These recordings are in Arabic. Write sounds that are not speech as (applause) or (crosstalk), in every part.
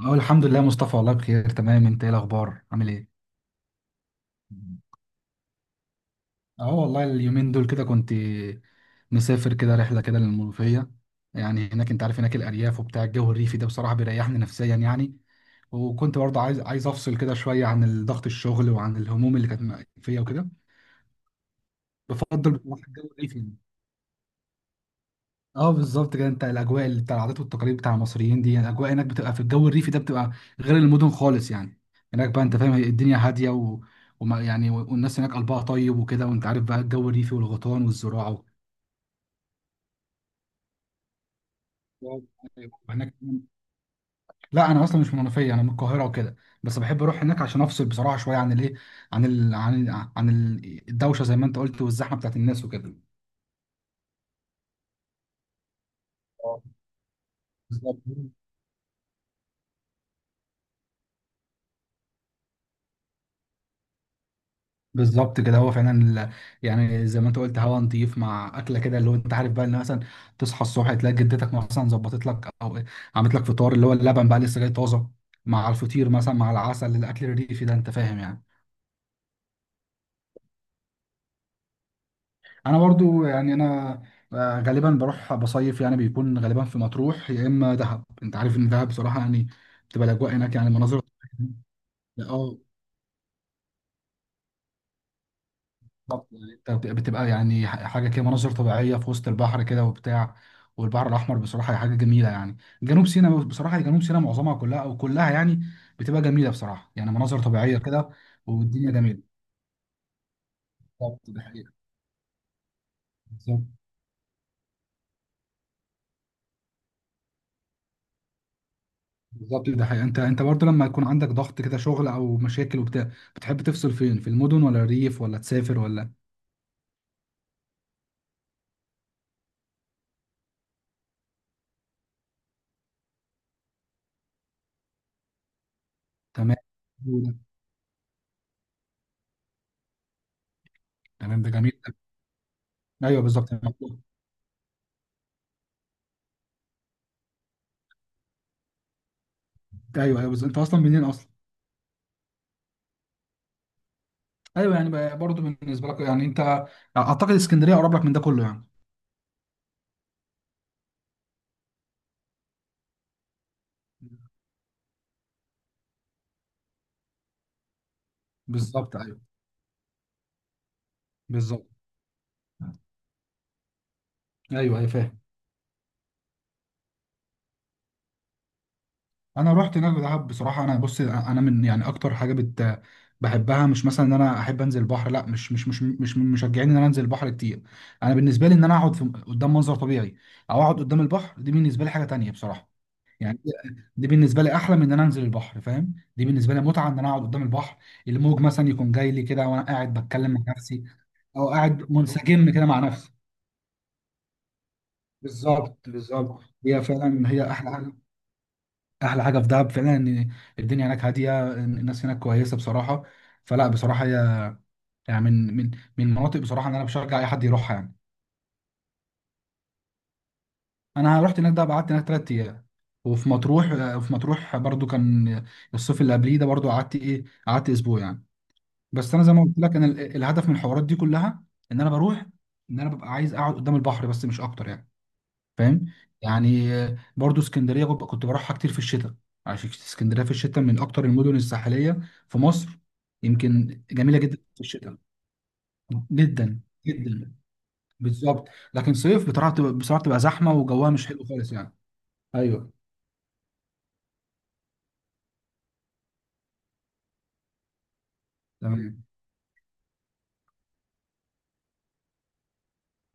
اه، الحمد لله يا مصطفى، والله بخير تمام. انت ايه الاخبار، عامل ايه؟ اه والله اليومين دول كده كنت مسافر كده رحله كده للمنوفيه. يعني هناك انت عارف هناك الارياف وبتاع، الجو الريفي ده بصراحه بيريحني نفسيا يعني. وكنت برضه عايز افصل كده شويه عن ضغط الشغل وعن الهموم اللي كانت فيا وكده. بفضل بصراحه الجو الريفي. اه بالظبط كده، انت الاجواء اللي بتاع العادات والتقاليد بتاع المصريين دي، الاجواء هناك بتبقى في الجو الريفي ده، بتبقى غير المدن خالص يعني. هناك بقى انت فاهم، الدنيا هاديه وما يعني والناس هناك قلبها طيب وكده، وانت عارف بقى الجو الريفي والغيطان والزراعه و... هناك لا انا اصلا مش من المنوفيه، انا من القاهره وكده. بس بحب اروح هناك عشان افصل بصراحه شويه عن الايه، عن عن الدوشه زي ما انت قلت، والزحمه بتاعت الناس وكده. آه، بالظبط. بالظبط كده، هو فعلا يعني زي ما انت قلت، هوا نضيف مع اكله كده، اللي هو انت عارف بقى ان مثلا تصحى الصبح تلاقي جدتك مثلا ظبطت لك او عملت لك فطار، اللي هو اللبن بقى لسه جاي طازه، مع الفطير مثلا مع العسل، الاكل الريفي ده انت فاهم يعني. انا برضو يعني انا غالبا بروح بصيف، يعني بيكون غالبا في مطروح يا اما دهب. انت عارف ان دهب بصراحه يعني بتبقى الاجواء هناك، يعني مناظر. اه بالظبط يعني انت بتبقى يعني حاجه كده، مناظر طبيعيه في وسط البحر كده وبتاع، والبحر الاحمر بصراحه هي حاجه جميله يعني. جنوب سيناء بصراحه، جنوب سيناء معظمها كلها او كلها يعني بتبقى جميله بصراحه، يعني مناظر طبيعيه كده. والدنيا جميله. بالظبط ده حقيقه. بالظبط. بالظبط ده حقيقه. انت برضه لما يكون عندك ضغط كده شغل او مشاكل وبتاع، بتحب تفصل فين؟ في المدن ولا الريف ولا تسافر ولا؟ تمام، حلو ده. تمام، ده جميل ده. ايوه بالظبط. ايوه، ايوه بالظبط، انت اصلا منين اصلا؟ ايوه يعني برضه بالنسبه لك يعني انت اعتقد اسكندريه اقرب لك من ده كله يعني. بالظبط ايوه. بالظبط. ايوه ايوه فاهم. انا رحت هناك دهب بصراحه. انا بص، انا من يعني اكتر حاجه بحبها، مش مثلا ان انا احب انزل البحر، لا، مش من مشجعين ان انا انزل البحر كتير. انا بالنسبه لي ان انا اقعد في قدام منظر طبيعي او اقعد قدام البحر، دي بالنسبه لي حاجه تانية بصراحه. يعني دي بالنسبه لي احلى من ان انا انزل البحر، فاهم؟ دي بالنسبه لي متعه، ان انا اقعد قدام البحر، الموج مثلا يكون جاي لي كده وانا قاعد بتكلم مع نفسي، او قاعد منسجم كده مع نفسه. بالظبط بالظبط. هي فعلا هي احلى حاجه. احلى حاجه في دهب فعلا ان الدنيا هناك هاديه، إن الناس هناك كويسه بصراحه. فلا بصراحه هي يعني من مناطق بصراحه ان انا بشجع اي حد يروحها يعني. انا رحت هناك ده، قعدت هناك ثلاث ايام. وفي مطروح برضو، كان الصيف اللي قبليه ده برضو، قعدت ايه، قعدت اسبوع يعني. بس انا زي ما قلت لك، انا الهدف من الحوارات دي كلها ان انا بروح، ان انا ببقى عايز اقعد قدام البحر بس، مش اكتر يعني، فاهم؟ يعني برضو اسكندريه كنت بروحها كتير في الشتاء، عشان اسكندريه في الشتاء من اكتر المدن الساحليه في مصر، يمكن جميله جدا في الشتاء. جدا جدا بالظبط. لكن صيف بتعرف تبقى بصراحه، تبقى زحمه وجوها مش حلو خالص يعني. ايوه تمام.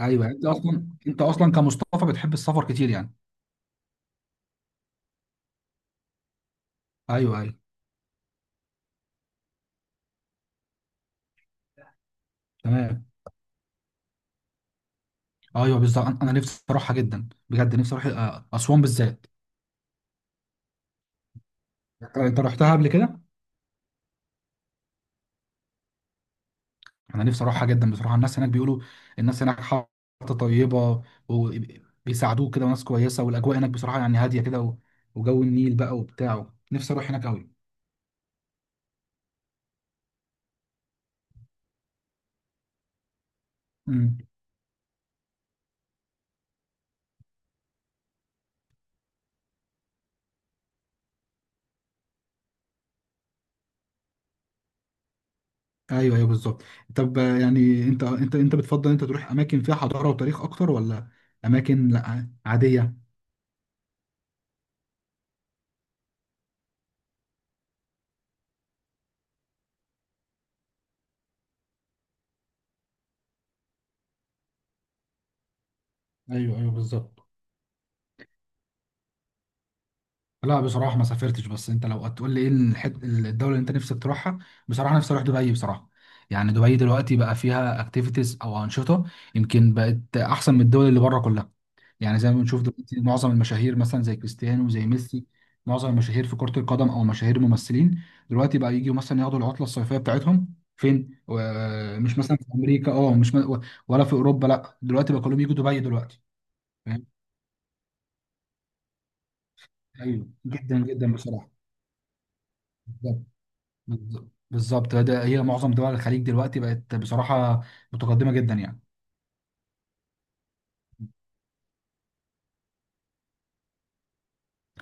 ايوه انت اصلا، انت اصلا كمصطفى بتحب السفر كتير يعني. ايوه ايوه تمام. ايوه بالظبط، أنا نفسي اروحها جدا، بجد نفسي اروح اسوان بالذات. انت رحتها قبل كده؟ انا نفسي اروحها جدا بصراحه، الناس هناك بيقولوا الناس هناك حاطه طيبه، وبيساعدوك كده وناس كويسه، والاجواء هناك بصراحه يعني هاديه كده و- وجو النيل بقى وبتاع، نفسي اروح هناك قوي. امم، ايوه ايوه بالظبط. طب يعني انت بتفضل انت تروح اماكن فيها حضاره وتاريخ اكتر، ولا اماكن لا عاديه؟ ايوه ايوه بالظبط. لا بصراحة ما سافرتش، بس انت لو هتقول لي ايه الدولة اللي انت نفسك تروحها، بصراحة نفسي اروح دبي بصراحة. يعني دبي دلوقتي بقى فيها اكتيفيتيز او انشطة، يمكن بقت احسن من الدول اللي بره كلها. يعني زي ما بنشوف دلوقتي، معظم المشاهير مثلا زي كريستيانو وزي ميسي، معظم المشاهير في كرة القدم او مشاهير ممثلين، دلوقتي بقى يجوا مثلا ياخدوا العطلة الصيفية بتاعتهم فين؟ مش مثلا في امريكا، اه مش ولا في اوروبا، لا دلوقتي بقى كلهم يجوا دبي دلوقتي. فاهم. ايوه جدا جدا بصراحة. بالظ- بالظبط ده، هي معظم دول الخليج دلوقتي بقت بصراحه متقدمه جدا يعني.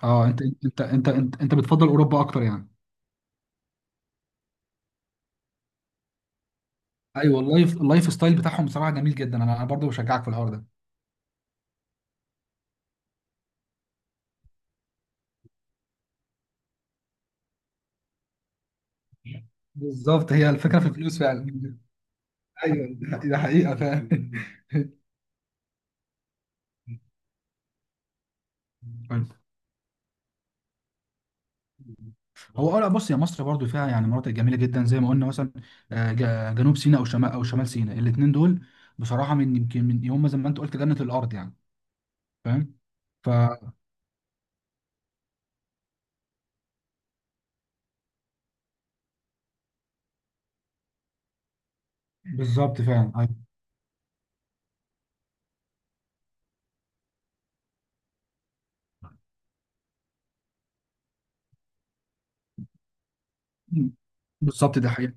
اه انت انت بتفضل اوروبا اكتر يعني. ايوه، اللايف ستايل بتاعهم بصراحه جميل جدا. انا برضه بشجعك في الحوار ده. بالظبط، هي الفكره في الفلوس فعلا. ايوه ده حقيقه فعلا. (laughs) هو اه لا بص، يا مصر برضو فيها يعني مناطق جميله جدا زي ما قلنا، مثلا جنوب سيناء او شمال سيناء، الاثنين دول بصراحه من يمكن من هم زي ما انت قلت جنه الارض يعني، فاهم. ف بالظبط فعلا أيوة. مم. بالظبط ده حقيقة.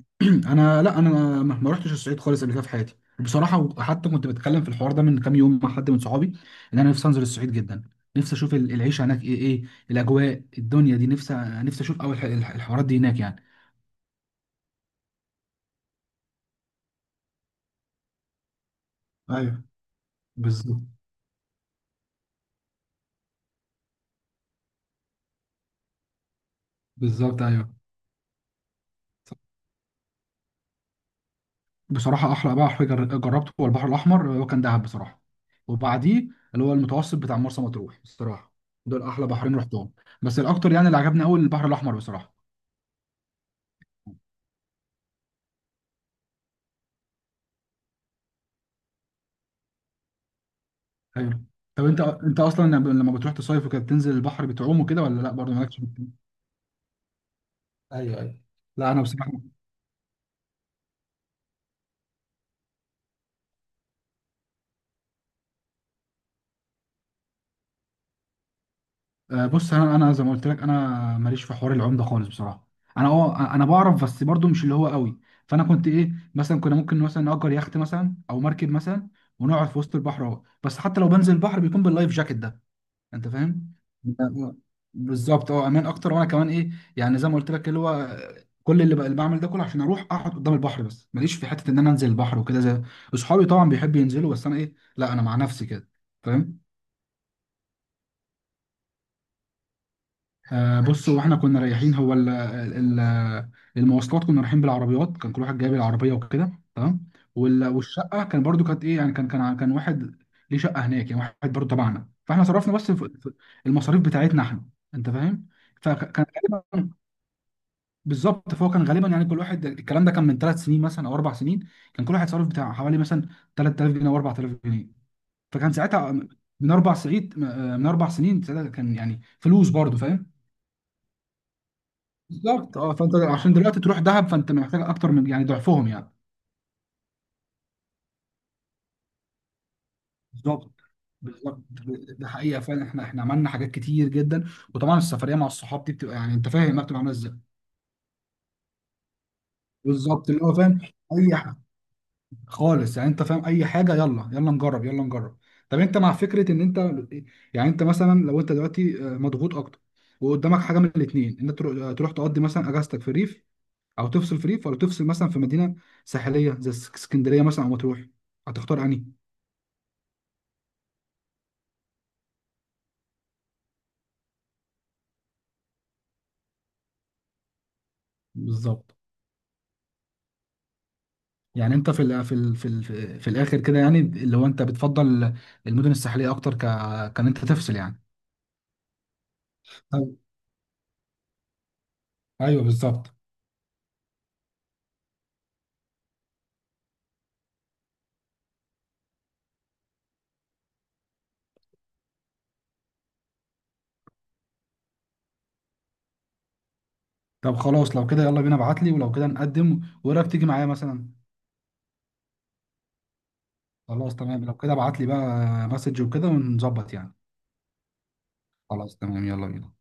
(clears throat) انا ما رحتش الصعيد خالص قبل كده في حياتي بصراحة. وحتى كنت بتكلم في الحوار ده من كام يوم مع حد من صحابي ان انا نفسي انزل الصعيد جدا. نفسي اشوف العيشة هناك ايه، ايه الاجواء، الدنيا دي نفسي اشوف اول الحوارات دي هناك يعني. ايوه بالظبط. بالظبط ايوه. بصراحة أحلى بحر جربته هو البحر الأحمر، هو كان دهب بصراحة، وبعديه اللي هو المتوسط بتاع مرسى مطروح بصراحة، دول أحلى بحرين رحتهم. بس الأكتر يعني اللي عجبني أوي البحر الأحمر بصراحة. ايوه. طب انت اصلا لما بتروح تصيف وكده، بتنزل البحر بتعوم وكده، ولا لا برضه مالكش في الكلام؟ ايوه ايوه. لا انا بصراحه، بص انا زي ما قلت لك، انا ماليش في حوار العوم ده خالص بصراحه. انا اه انا بعرف بس برضو مش اللي هو قوي. فانا كنت ايه مثلا، كنا ممكن مثلا نأجر يخت مثلا او مركب مثلا ونقعد في وسط البحر اهو، بس حتى لو بنزل البحر بيكون باللايف جاكيت ده، انت فاهم؟ أنت- بالظبط، اه امان اكتر. وانا كمان ايه يعني، زي ما قلت لك اللي هو كل اللي بعمل ده كله عشان اروح اقعد قدام البحر بس، ماليش في حته ان انا انزل البحر وكده، زي اصحابي طبعا بيحبوا ينزلوا، بس انا ايه لا انا مع نفسي كده. فاهم. آه بص، هو احنا كنا رايحين، هو ال ال المواصلات كنا رايحين بالعربيات، كان كل واحد جايب العربيه وكده تمام. والشقه كان برضو كانت ايه يعني، كان كان واحد ليه شقه هناك يعني، واحد برضو تبعنا، فاحنا صرفنا بس في المصاريف بتاعتنا احنا، انت فاهم. فكان غالبا بالظبط، فهو كان غالبا يعني، كل واحد، الكلام ده كان من ثلاث سنين مثلا او اربع سنين، كان كل واحد صرف بتاع حوالي مثلا 3000 جنيه او 4000 جنيه. فكان ساعتها من اربع سعيد من اربع سنين، ساعتها كان يعني فلوس برضو، فاهم. بالظبط اه، فانت عشان دلوقتي تروح دهب فانت محتاج اكتر من يعني ضعفهم يعني. بالظبط. بالظبط ده حقيقه فعلا، احنا عملنا حاجات كتير جدا، وطبعا السفريه مع الصحاب دي بتبقى يعني انت فاهم ما بتبقى عامله ازاي. بالظبط اللي هو فاهم، اي حاجه خالص يعني انت فاهم، اي حاجه يلا، يلا نجرب. طب انت مع فكره ان انت، يعني انت مثلا لو انت دلوقتي مضغوط اكتر، وقدامك حاجه من الاثنين، ان انت تروح تقضي مثلا اجازتك في ريف او تفصل في ريف، ولا تفصل مثلا في مدينه ساحليه زي اسكندريه مثلا او مطروح، هتختار انهي؟ بالظبط يعني انت في الاخر كده يعني، اللي هو انت بتفضل المدن الساحليه اكتر، كان انت تفصل يعني. طب ايوه بالظبط. طب خلاص لو كده يلا بينا، ابعت لي، ولو كده نقدم، وايه رايك تيجي معايا مثلا؟ خلاص تمام، لو كده ابعت لي بقى مسج وكده ونظبط يعني. خلاص تمام يلا بينا.